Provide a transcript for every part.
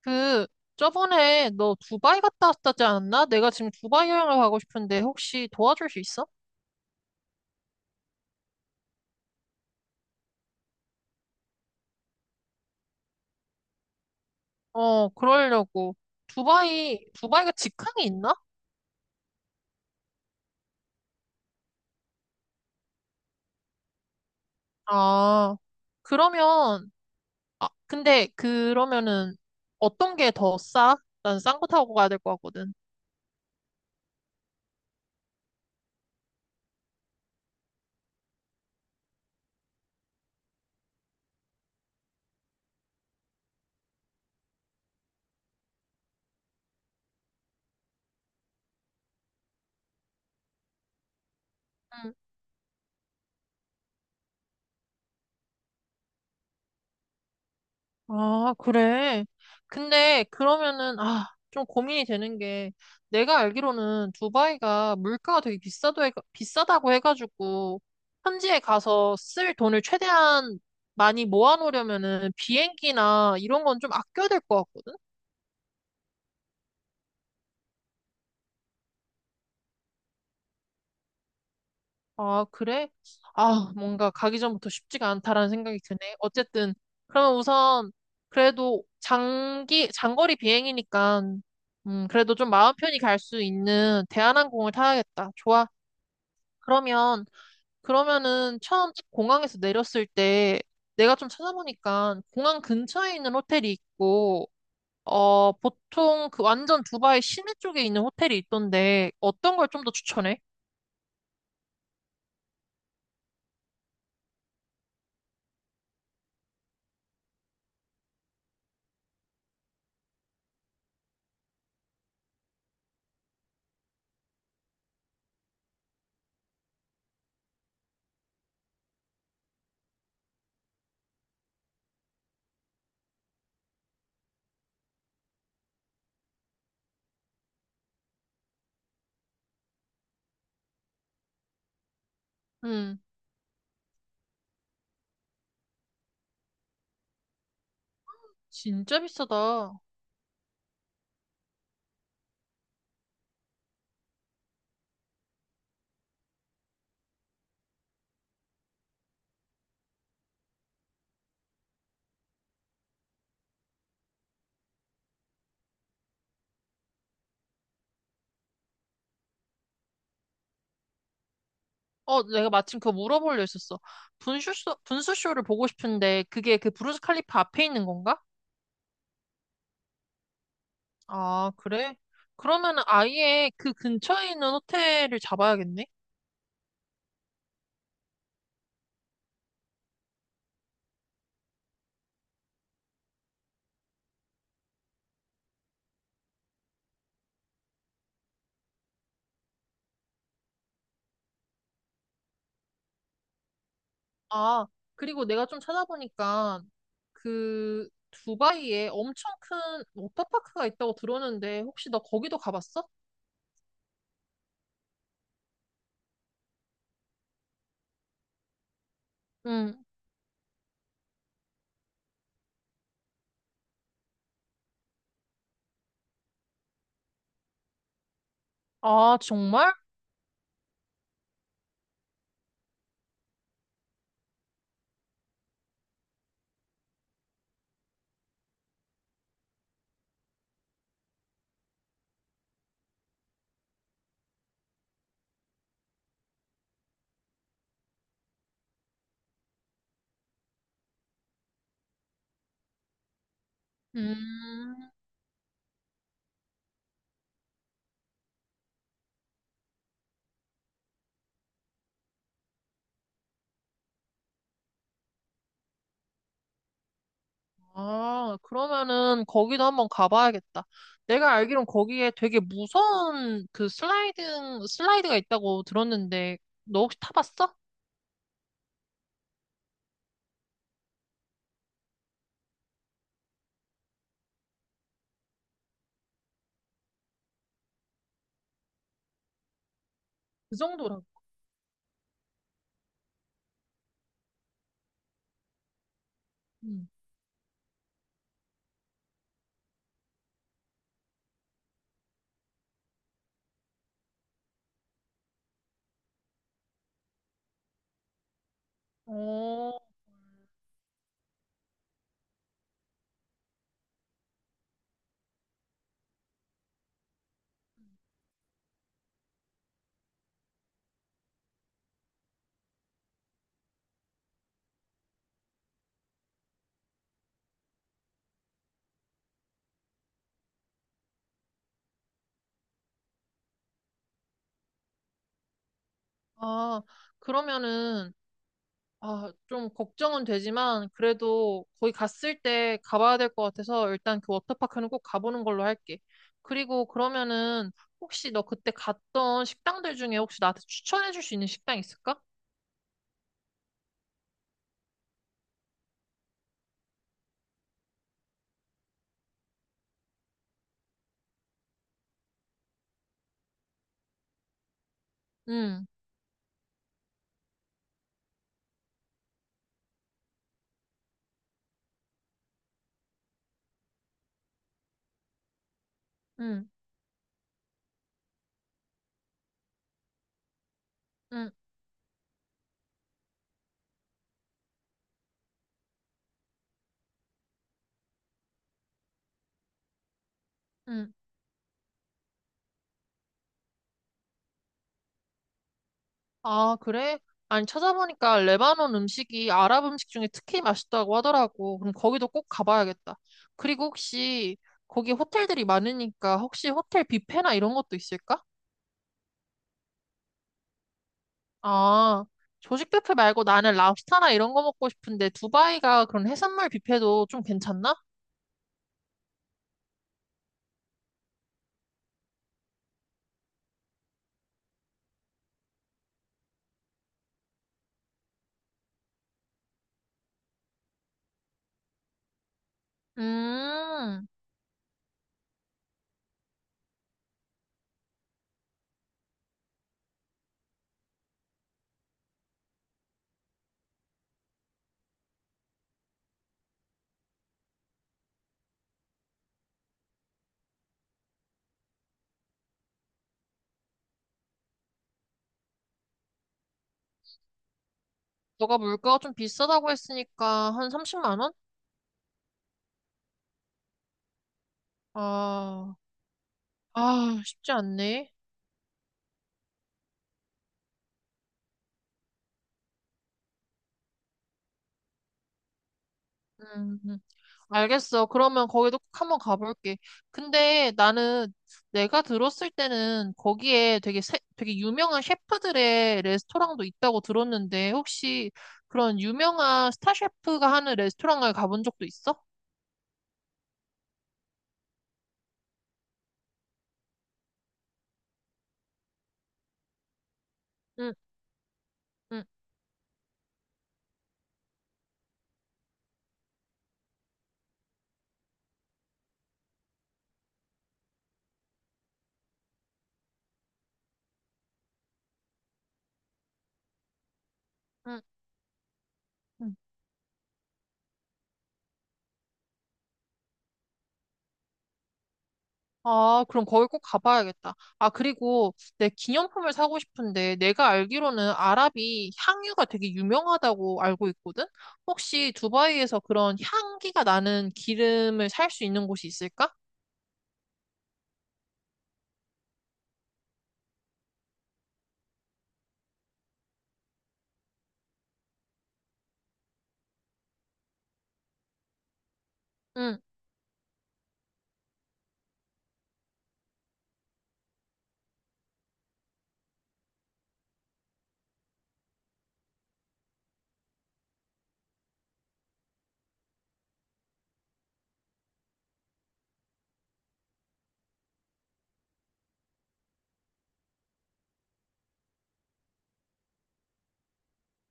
그, 저번에 너 두바이 갔다 왔다지 않았나? 내가 지금 두바이 여행을 가고 싶은데 혹시 도와줄 수 있어? 어, 그러려고. 두바이가 직항이 있나? 아, 그러면, 아, 근데 그러면은 어떤 게 더 싸? 난 싼 거 타고 가야 될 것 같거든. 응. 아, 그래. 근데 그러면은, 아, 좀 고민이 되는 게, 내가 알기로는 두바이가 물가가 비싸다고 해가지고, 현지에 가서 쓸 돈을 최대한 많이 모아놓으려면은 비행기나 이런 건 좀 아껴야 될 것 같거든? 아, 그래? 아, 뭔가 가기 전부터 쉽지가 않다라는 생각이 드네. 어쨌든, 그러면 우선, 장거리 비행이니까, 그래도 좀 마음 편히 갈 수 있는 대한항공을 타야겠다. 좋아. 그러면, 그러면은 처음 딱 공항에서 내렸을 때, 내가 좀 찾아보니까, 공항 근처에 있는 호텔이 있고, 어, 보통 그 완전 두바이 시내 쪽에 있는 호텔이 있던데, 어떤 걸 좀 더 추천해? 음, 진짜 비싸다. 어, 내가 마침 그거 물어보려 했었어. 분수쇼를 보고 싶은데 그게 그 브루스 칼리프 앞에 있는 건가? 아, 그래? 그러면은 아예 그 근처에 있는 호텔을 잡아야겠네? 아, 그리고 내가 좀 찾아보니까 그 두바이에 엄청 큰 워터파크가 있다고 들었는데 혹시 너 거기도 가봤어? 응. 아, 정말? 음. 아, 그러면은 거기도 한번 가봐야겠다. 내가 알기론 거기에 되게 무서운 슬라이드가 있다고 들었는데, 너 혹시 타봤어? 그 정도라고. 응. 어, 아, 그러면은, 아, 좀 걱정은 되지만, 그래도 거기 갔을 때 가봐야 될 것 같아서 일단 그 워터파크는 꼭 가보는 걸로 할게. 그리고 그러면은, 혹시 너 그때 갔던 식당들 중에 혹시 나한테 추천해줄 수 있는 식당 있을까? 응, 응, 응. 응. 아, 그래? 아니, 찾아보니까 레바논 음식이 아랍 음식 중에 특히 맛있다고 하더라고. 그럼 거기도 꼭 가봐야겠다. 그리고 혹시 거기 호텔들이 많으니까 혹시 호텔 뷔페나 이런 것도 있을까? 아, 조식 뷔페 말고 나는 랍스타나 이런 거 먹고 싶은데 두바이가 그런 해산물 뷔페도 좀 괜찮나? 음, 너가 물가가 좀 비싸다고 했으니까 한 30만 원? 아, 아, 쉽지 않네. 음. 음. 알겠어. 그러면 거기도 꼭 한번 가볼게. 근데 나는 내가 들었을 때는 거기에 되게 유명한 셰프들의 레스토랑도 있다고 들었는데 혹시 그런 유명한 스타 셰프가 하는 레스토랑을 가본 적도 있어? 응, 응, 응. 아, 그럼 거기 꼭 가봐야겠다. 아, 그리고 내 기념품을 사고 싶은데 내가 알기로는 아랍이 향유가 되게 유명하다고 알고 있거든? 혹시 두바이에서 그런 향기가 나는 기름을 살 수 있는 곳이 있을까? 응,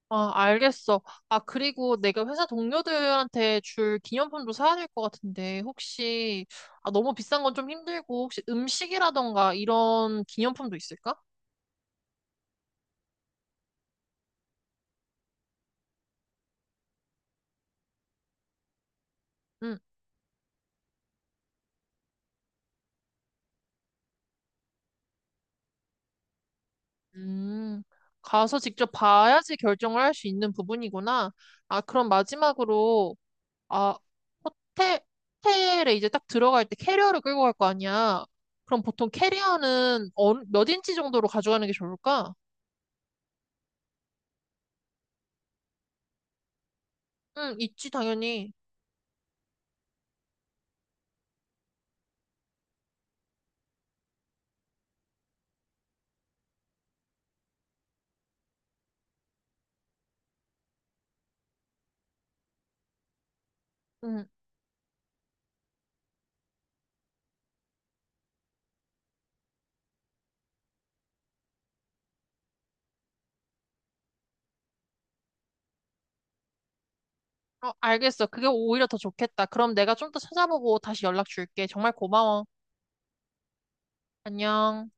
아, 알겠어. 아, 그리고 내가 회사 동료들한테 줄 기념품도 사야 될 것 같은데 혹시 아, 너무 비싼 건 좀 힘들고 혹시 음식이라던가 이런 기념품도 있을까? 응. 음, 가서 직접 봐야지 결정을 할 수 있는 부분이구나. 아, 그럼 마지막으로, 아, 호텔, 호텔에 이제 딱 들어갈 때 캐리어를 끌고 갈 거 아니야. 그럼 보통 캐리어는 어, 몇 인치 정도로 가져가는 게 좋을까? 응, 있지, 당연히. 응, 어, 알겠어. 그게 오히려 더 좋겠다. 그럼 내가 좀 더 찾아보고 다시 연락 줄게. 정말 고마워. 안녕.